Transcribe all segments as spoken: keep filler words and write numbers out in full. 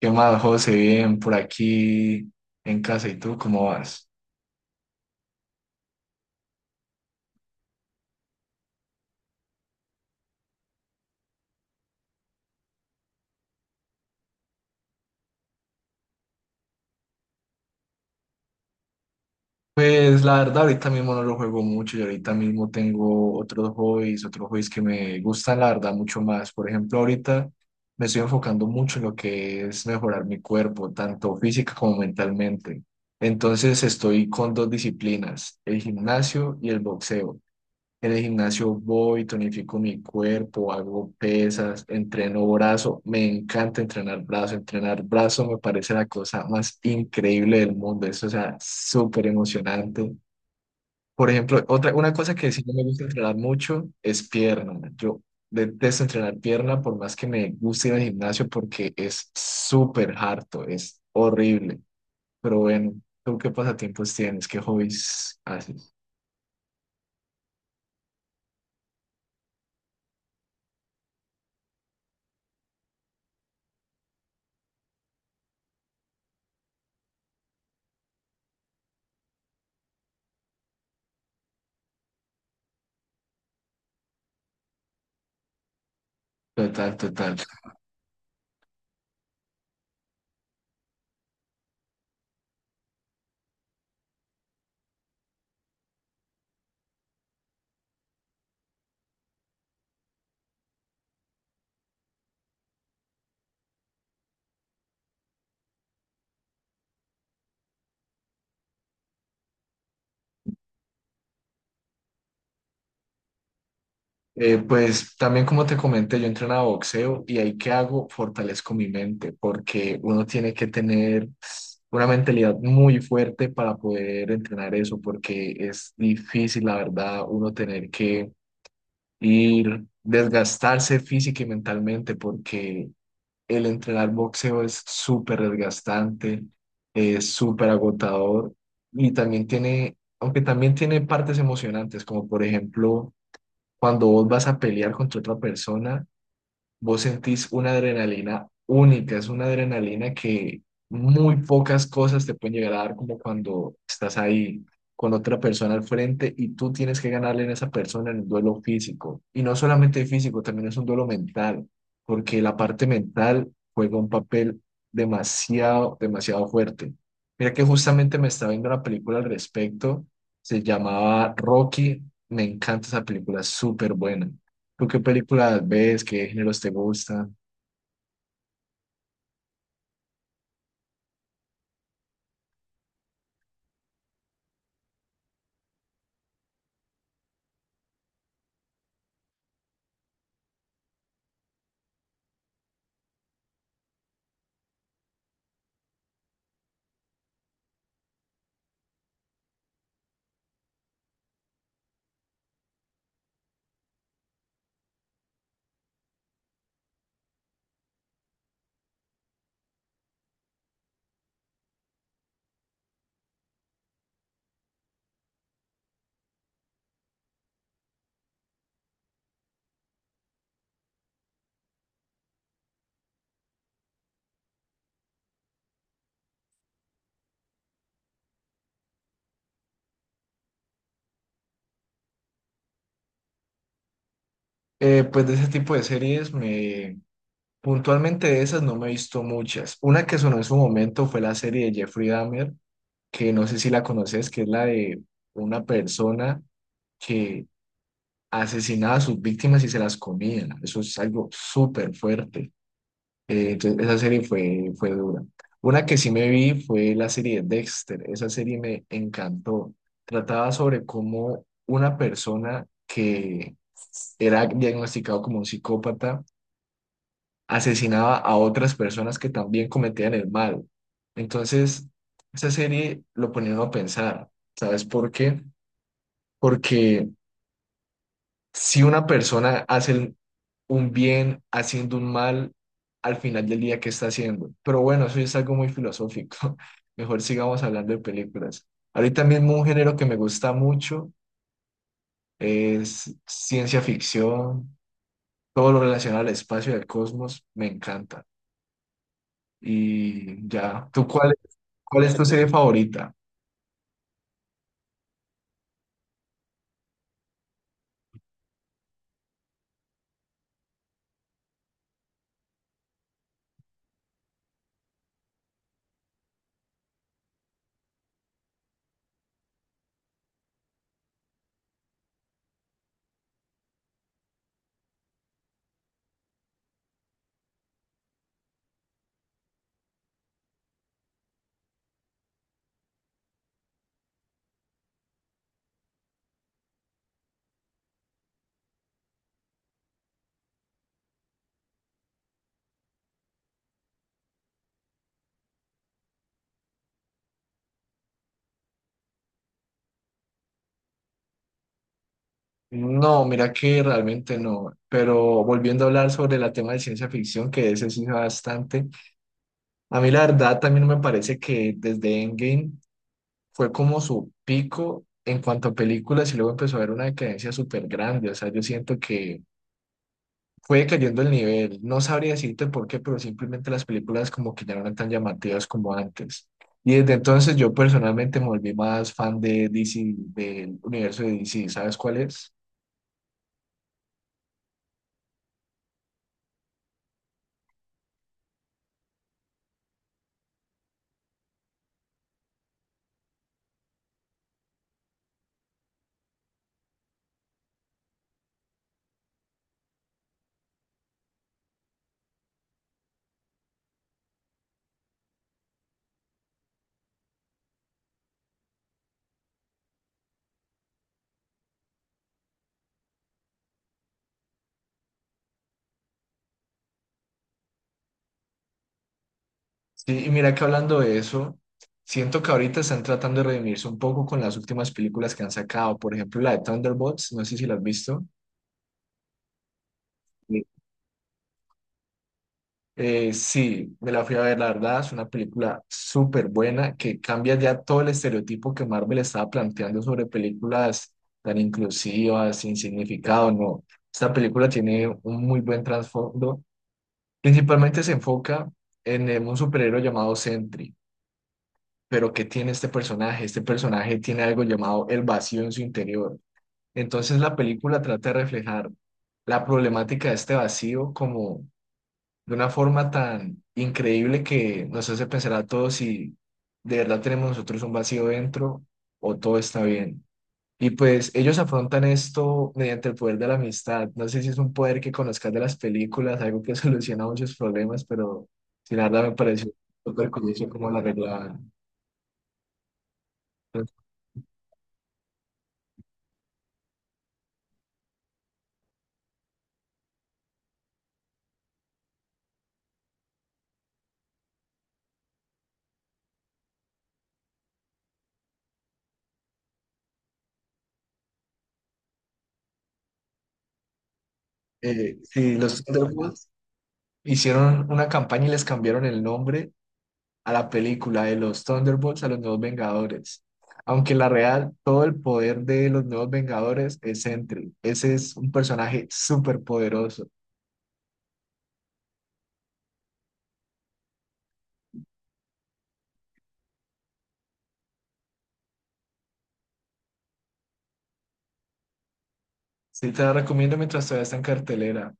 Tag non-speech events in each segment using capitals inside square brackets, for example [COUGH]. ¿Qué más, José? Bien, por aquí en casa. ¿Y tú cómo vas? Pues la verdad, ahorita mismo no lo juego mucho y ahorita mismo tengo otros hobbies, otros hobbies que me gustan, la verdad, mucho más. Por ejemplo, ahorita me estoy enfocando mucho en lo que es mejorar mi cuerpo, tanto física como mentalmente. Entonces estoy con dos disciplinas, el gimnasio y el boxeo. En el gimnasio voy, tonifico mi cuerpo, hago pesas, entreno brazo. Me encanta entrenar brazo. Entrenar brazo me parece la cosa más increíble del mundo. Eso, o sea, súper emocionante. Por ejemplo, otra, una cosa que sí no me gusta entrenar mucho es pierna. Yo detesto entrenar pierna por más que me guste ir al gimnasio porque es súper harto, es horrible. Pero bueno, ¿tú qué pasatiempos tienes? ¿Qué hobbies haces? Total, total. Eh, pues también como te comenté, yo entrenaba boxeo y ahí que hago, fortalezco mi mente, porque uno tiene que tener una mentalidad muy fuerte para poder entrenar eso, porque es difícil, la verdad, uno tener que ir, desgastarse física y mentalmente, porque el entrenar boxeo es súper desgastante, es súper agotador y también tiene, aunque también tiene partes emocionantes, como por ejemplo cuando vos vas a pelear contra otra persona, vos sentís una adrenalina única, es una adrenalina que muy pocas cosas te pueden llegar a dar como cuando estás ahí con otra persona al frente y tú tienes que ganarle a esa persona en un duelo físico. Y no solamente físico, también es un duelo mental, porque la parte mental juega un papel demasiado, demasiado fuerte. Mira que justamente me estaba viendo una película al respecto, se llamaba Rocky, me encanta esa película, es súper buena. ¿Tú qué películas ves? ¿Qué géneros te gustan? Eh, pues de ese tipo de series, me puntualmente de esas no me he visto muchas. Una que sonó en su momento fue la serie de Jeffrey Dahmer, que no sé si la conoces, que es la de una persona que asesinaba a sus víctimas y se las comía. Eso es algo súper fuerte. Eh, entonces, esa serie fue, fue dura. Una que sí me vi fue la serie de Dexter. Esa serie me encantó. Trataba sobre cómo una persona que era diagnosticado como un psicópata, asesinaba a otras personas que también cometían el mal. Entonces, esa serie lo ponía uno a pensar, ¿sabes por qué? Porque si una persona hace el- un bien haciendo un mal, al final del día, ¿qué está haciendo? Pero bueno, eso ya es algo muy filosófico. [LAUGHS] Mejor sigamos hablando de películas. Ahorita mismo un género que me gusta mucho es ciencia ficción, todo lo relacionado al espacio y al cosmos, me encanta. Y ya, ¿tú cuál, cuál es tu serie favorita? No, mira que realmente no, pero volviendo a hablar sobre la tema de ciencia ficción, que ese sí bastante, a mí la verdad también me parece que desde Endgame fue como su pico en cuanto a películas y luego empezó a haber una decadencia súper grande, o sea, yo siento que fue cayendo el nivel. No sabría decirte por qué, pero simplemente las películas como que ya no eran tan llamativas como antes. Y desde entonces yo personalmente me volví más fan de D C, del universo de D C, ¿sabes cuál es? Sí, y mira que hablando de eso, siento que ahorita están tratando de redimirse un poco con las últimas películas que han sacado. Por ejemplo, la de Thunderbolts, no sé si la has visto. Eh, sí, me la fui a ver, la verdad, es una película súper buena que cambia ya todo el estereotipo que Marvel estaba planteando sobre películas tan inclusivas, sin significado, no. Esta película tiene un muy buen trasfondo. Principalmente se enfoca en eh, un superhéroe llamado Sentry, pero ¿qué tiene este personaje? Este personaje tiene algo llamado el vacío en su interior. Entonces la película trata de reflejar la problemática de este vacío como de una forma tan increíble que nos hace pensar a todos si de verdad tenemos nosotros un vacío dentro o todo está bien. Y pues ellos afrontan esto mediante el poder de la amistad. No sé si es un poder que conozcas de las películas, algo que [LAUGHS] soluciona muchos problemas, pero sin la verdad me pareció súper curioso cómo la arreglaban. eh, sí, los Thunderbolts hicieron una campaña y les cambiaron el nombre a la película de los Thunderbolts, a los Nuevos Vengadores. Aunque en la real, todo el poder de los Nuevos Vengadores es Sentry. Ese es un personaje súper poderoso. Sí, te la recomiendo mientras todavía está en cartelera.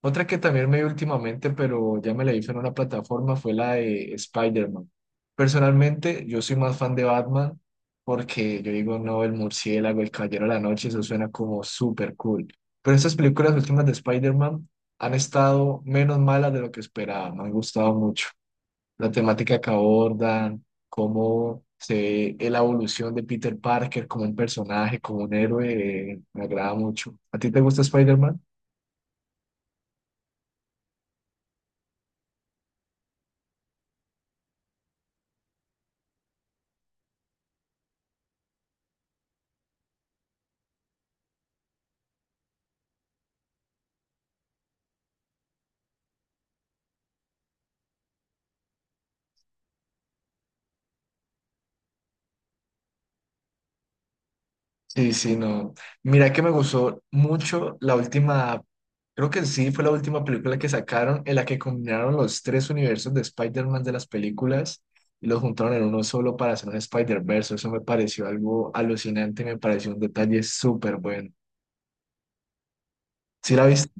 Otra que también me vi últimamente, pero ya me la hizo en una plataforma, fue la de Spider-Man. Personalmente, yo soy más fan de Batman porque yo digo, no, el murciélago, el caballero de la noche, eso suena como súper cool. Pero estas películas últimas de Spider-Man han estado menos malas de lo que esperaba, me han gustado mucho. La temática que abordan, cómo se ve la evolución de Peter Parker como un personaje, como un héroe, eh, me agrada mucho. ¿A ti te gusta Spider-Man? Sí, sí, no. Mira que me gustó mucho la última, creo que sí fue la última película que sacaron en la que combinaron los tres universos de Spider-Man de las películas y los juntaron en uno solo para hacer un Spider-Verse. Eso me pareció algo alucinante, me pareció un detalle súper bueno. Sí la viste,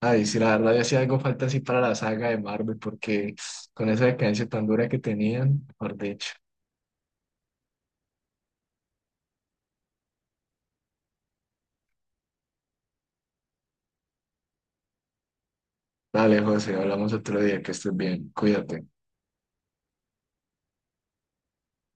ay, sí, la verdad, ya hacía algo falta así para la saga de Marvel porque con esa decadencia tan dura que tenían, mejor dicho. Dale, José, hablamos otro día, que estés bien, cuídate.